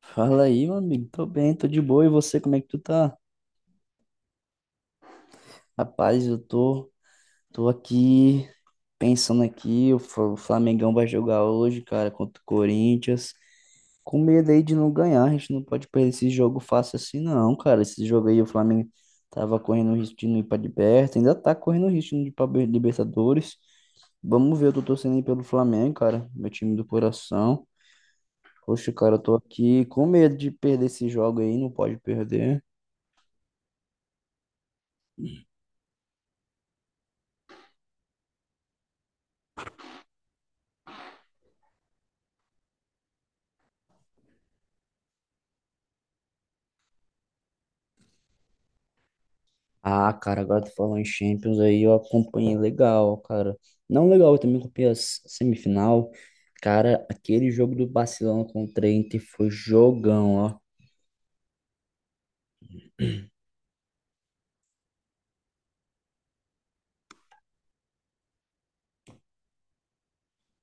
Fala aí, meu amigo. Tô bem, tô de boa. E você, como é que tu tá? Rapaz, eu tô aqui pensando aqui, o Flamengão vai jogar hoje, cara, contra o Corinthians. Com medo aí de não ganhar, a gente não pode perder esse jogo fácil assim, não, cara. Esse jogo aí o Flamengo tava correndo o risco de não ir pra liberta, ainda tá correndo o risco de não ir pra Libertadores. Vamos ver, eu tô torcendo aí pelo Flamengo, cara, meu time do coração. Poxa, cara, eu tô aqui com medo de perder esse jogo aí, não pode perder. Ah, cara, agora tu falou em Champions aí, eu acompanhei legal, cara. Não legal, eu também acompanhei a semifinal. Cara, aquele jogo do Barcelona contra a Inter foi jogão, ó.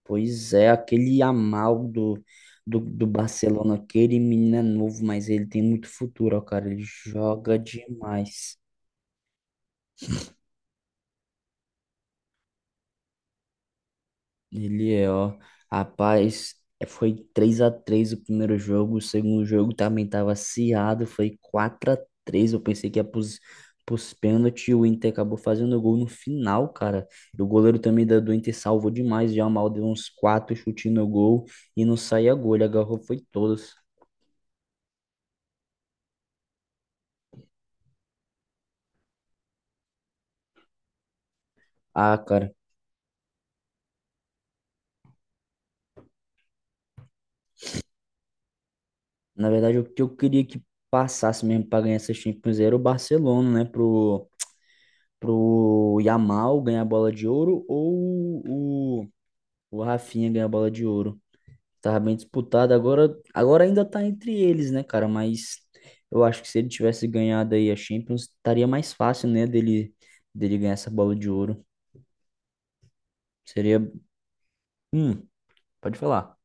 Pois é, aquele Yamal do Barcelona, aquele menino é novo, mas ele tem muito futuro, ó, cara. Ele joga demais. Ele é, ó. Rapaz, é, foi 3-3 o primeiro jogo. O segundo jogo também tava acirrado. Foi 4-3. Eu pensei que ia pros pênaltis. O Inter acabou fazendo gol no final, cara. E o goleiro também do Inter salvou demais. Já mal deu uns 4 chutes no gol. E não saía gol. Ele agarrou, foi todos. Ah, cara. Na verdade, o que eu queria que passasse mesmo pra ganhar essa Champions era o Barcelona, né? Pro Yamal ganhar a bola de ouro ou o Rafinha ganhou a bola de ouro. Tava bem disputado. Agora ainda tá entre eles, né, cara? Mas eu acho que se ele tivesse ganhado aí a Champions, estaria mais fácil, né, dele ganhar essa bola de ouro. Seria. Hum, pode falar.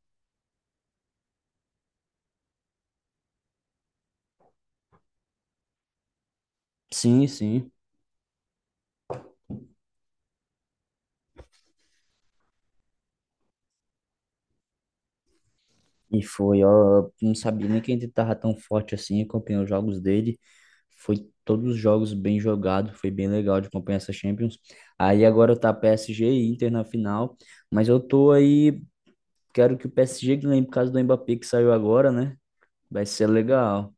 Sim, sim. E foi, ó. Não sabia nem que ele tava tão forte assim. Acompanhei os jogos dele. Foi todos os jogos bem jogados. Foi bem legal de acompanhar essa Champions. Aí agora tá PSG e Inter na final. Mas eu tô aí. Quero que o PSG ganhe por causa do Mbappé que saiu agora, né? Vai ser legal.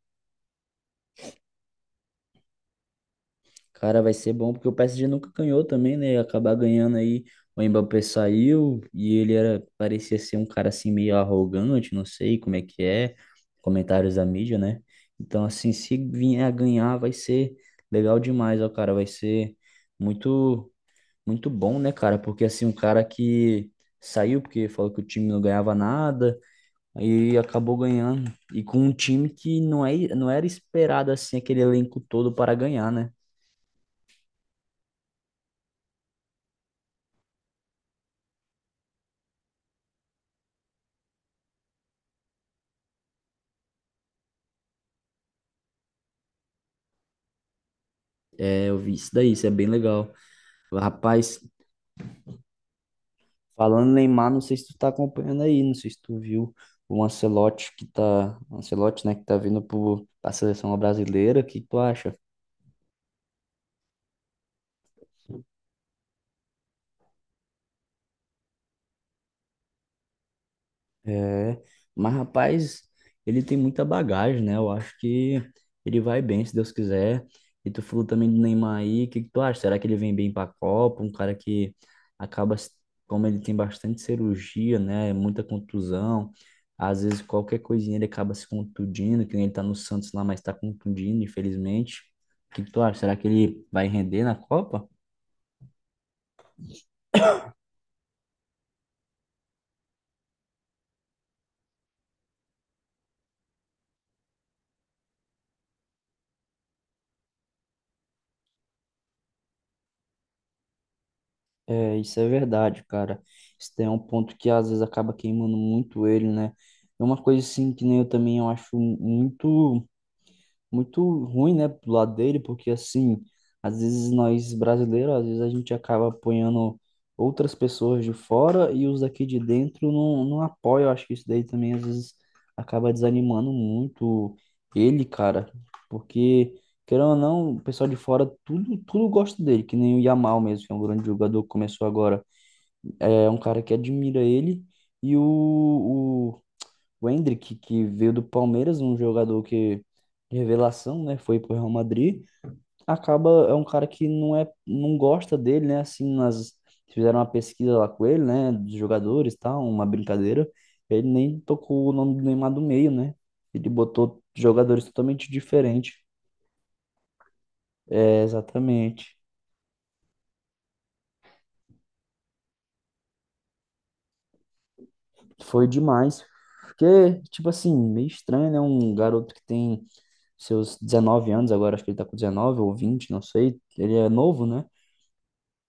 Cara, vai ser bom porque o PSG nunca ganhou também, né? Acabar ganhando aí. O Mbappé saiu e ele era, parecia ser um cara assim meio arrogante, não sei como é que é. Comentários da mídia, né? Então, assim, se vier a ganhar, vai ser legal demais, ó, cara. Vai ser muito, muito bom, né, cara? Porque assim, um cara que saiu porque falou que o time não ganhava nada. E acabou ganhando. E com um time que não era esperado assim, aquele elenco todo para ganhar, né? É, eu vi isso daí, isso é bem legal. Rapaz, falando em Neymar, não sei se tu tá acompanhando aí, não sei se tu viu o Ancelotti que tá. Ancelotti, né, que tá vindo pra seleção brasileira. O que tu acha? É, mas rapaz, ele tem muita bagagem, né? Eu acho que ele vai bem, se Deus quiser. E tu falou também do Neymar aí, o que que tu acha? Será que ele vem bem pra Copa? Um cara que acaba, como ele tem bastante cirurgia, né? Muita contusão. Às vezes qualquer coisinha ele acaba se contundindo, que nem ele tá no Santos lá, mas tá contundindo, infelizmente. O que que tu acha? Será que ele vai render na Copa? É, isso é verdade, cara. Isso daí é um ponto que às vezes acaba queimando muito ele, né? É uma coisa assim que nem eu também eu acho muito muito ruim, né, pro lado dele, porque assim, às vezes nós brasileiros, às vezes a gente acaba apoiando outras pessoas de fora e os daqui de dentro não, não apoiam. Eu acho que isso daí também às vezes acaba desanimando muito ele, cara, porque querendo ou não, o pessoal de fora tudo, tudo gosta dele, que nem o Yamal mesmo, que é um grande jogador, que começou agora. É um cara que admira ele. E o Endrick, que veio do Palmeiras, um jogador que, de revelação, né? Foi pro Real Madrid. Acaba, é um cara que não é, não gosta dele, né? Assim, nós fizeram uma pesquisa lá com ele, né? Dos jogadores e tal, uma brincadeira. Ele nem tocou o nome do Neymar do meio, né? Ele botou jogadores totalmente diferentes. É, exatamente. Foi demais. Porque, tipo assim, meio estranho, né? Um garoto que tem seus 19 anos, agora acho que ele tá com 19 ou 20, não sei. Ele é novo, né?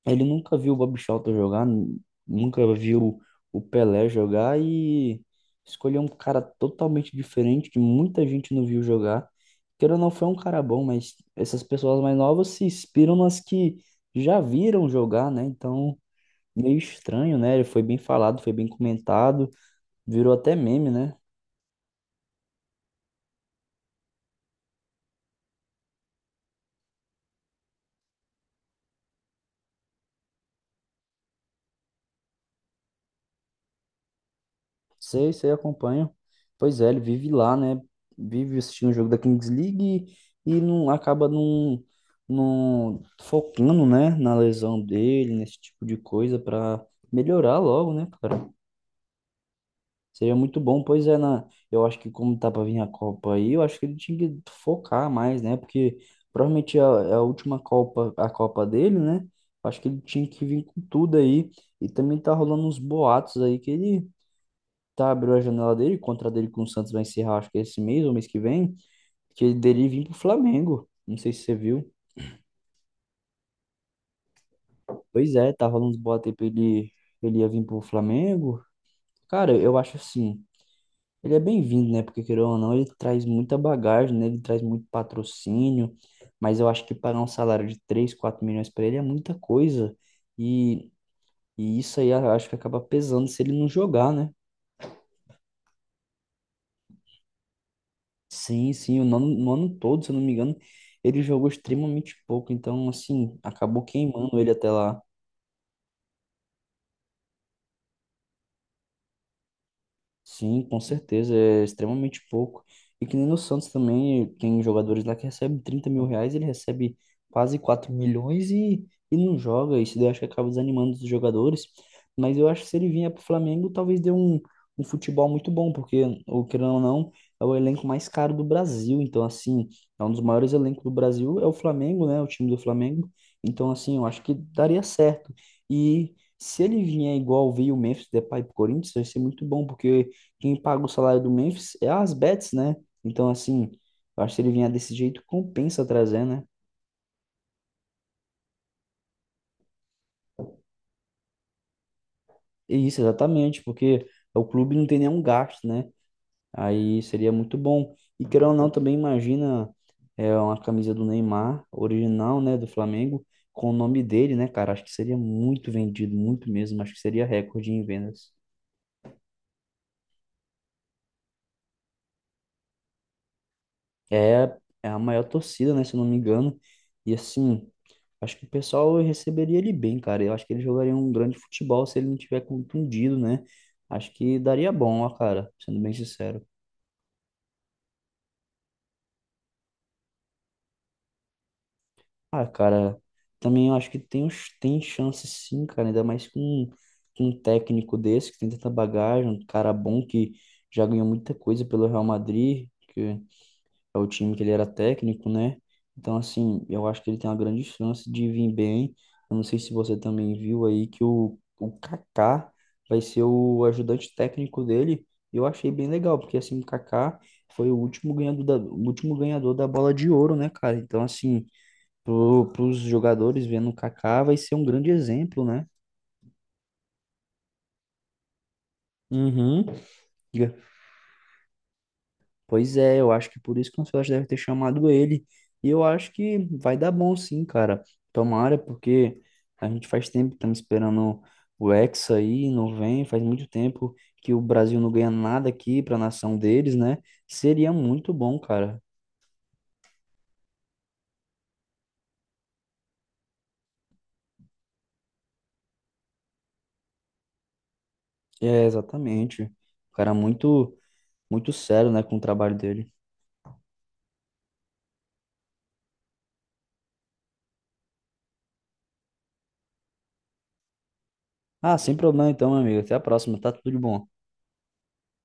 Ele nunca viu o Bob Shelton jogar, nunca viu o Pelé jogar e escolheu um cara totalmente diferente que muita gente não viu jogar. Queira ou não, foi um cara bom, mas essas pessoas mais novas se inspiram nas que já viram jogar, né? Então, meio estranho, né? Ele foi bem falado, foi bem comentado, virou até meme, né? Sei, sei, acompanho. Pois é, ele vive lá, né? Vive assistindo o jogo da Kings League e não acaba não, não focando, né, na lesão dele, nesse tipo de coisa para melhorar logo, né, cara? Seria muito bom, pois é, eu acho que como tá para vir a Copa aí, eu acho que ele tinha que focar mais, né? Porque provavelmente é a última Copa, a Copa dele, né? Acho que ele tinha que vir com tudo aí. E também tá rolando uns boatos aí que ele tá, abriu a janela dele, o contrato dele com o Santos vai encerrar, acho que esse mês ou mês que vem, que ele dele vir pro Flamengo. Não sei se você viu. Pois é, tá rolando uns boatos aí pra ele, ele ia vir pro Flamengo. Cara, eu acho assim, ele é bem-vindo, né? Porque, querendo ou não, ele traz muita bagagem, né? Ele traz muito patrocínio, mas eu acho que pagar um salário de 3 4 milhões pra ele é muita coisa. E, e isso aí eu acho que acaba pesando se ele não jogar, né? Sim, sim, o nono, no ano todo, se eu não me engano, ele jogou extremamente pouco, então, assim, acabou queimando ele até lá. Sim, com certeza, é extremamente pouco. E que nem no Santos também, tem jogadores lá que recebem 30 mil reais, ele recebe quase 4 milhões e não joga. Isso daí eu acho que acaba desanimando os jogadores. Mas eu acho que se ele vier pro Flamengo, talvez dê um futebol muito bom, porque, o querendo ou não, é o elenco mais caro do Brasil. Então, assim, é um dos maiores elencos do Brasil, é o Flamengo, né? O time do Flamengo. Então, assim, eu acho que daria certo. E se ele vier igual veio o Memphis Depay pro Corinthians, vai ser muito bom, porque quem paga o salário do Memphis é as bets, né? Então, assim, eu acho que se ele vier desse jeito, compensa trazer, né? E isso, exatamente, porque o clube não tem nenhum gasto, né? Aí seria muito bom. E querendo ou não, também imagina uma camisa do Neymar, original, né, do Flamengo, com o nome dele, né, cara? Acho que seria muito vendido, muito mesmo. Acho que seria recorde em vendas. É, é a maior torcida, né? Se eu não me engano. E assim, acho que o pessoal receberia ele bem, cara. Eu acho que ele jogaria um grande futebol se ele não tiver contundido, né? Acho que daria bom, ó, cara, sendo bem sincero. Ah, cara, também eu acho que tem chance sim, cara, ainda mais com um técnico desse que tem tanta bagagem, um cara bom que já ganhou muita coisa pelo Real Madrid, é o time que ele era técnico, né? Então, assim, eu acho que ele tem uma grande chance de vir bem. Eu não sei se você também viu aí que o Kaká vai ser o ajudante técnico dele. Eu achei bem legal, porque assim, o Kaká foi o último ganhador da bola de ouro, né, cara? Então, assim, para os jogadores vendo o Kaká vai ser um grande exemplo, né? Uhum. Pois é, eu acho que por isso que o Ancelotti deve ter chamado ele. E eu acho que vai dar bom sim, cara. Tomara, porque a gente faz tempo que estamos esperando o Hexa aí, não vem, faz muito tempo que o Brasil não ganha nada aqui para a nação deles, né? Seria muito bom, cara. É, exatamente. O cara muito, muito sério, né, com o trabalho dele. Ah, sem problema então, meu amigo. Até a próxima. Tá tudo de bom.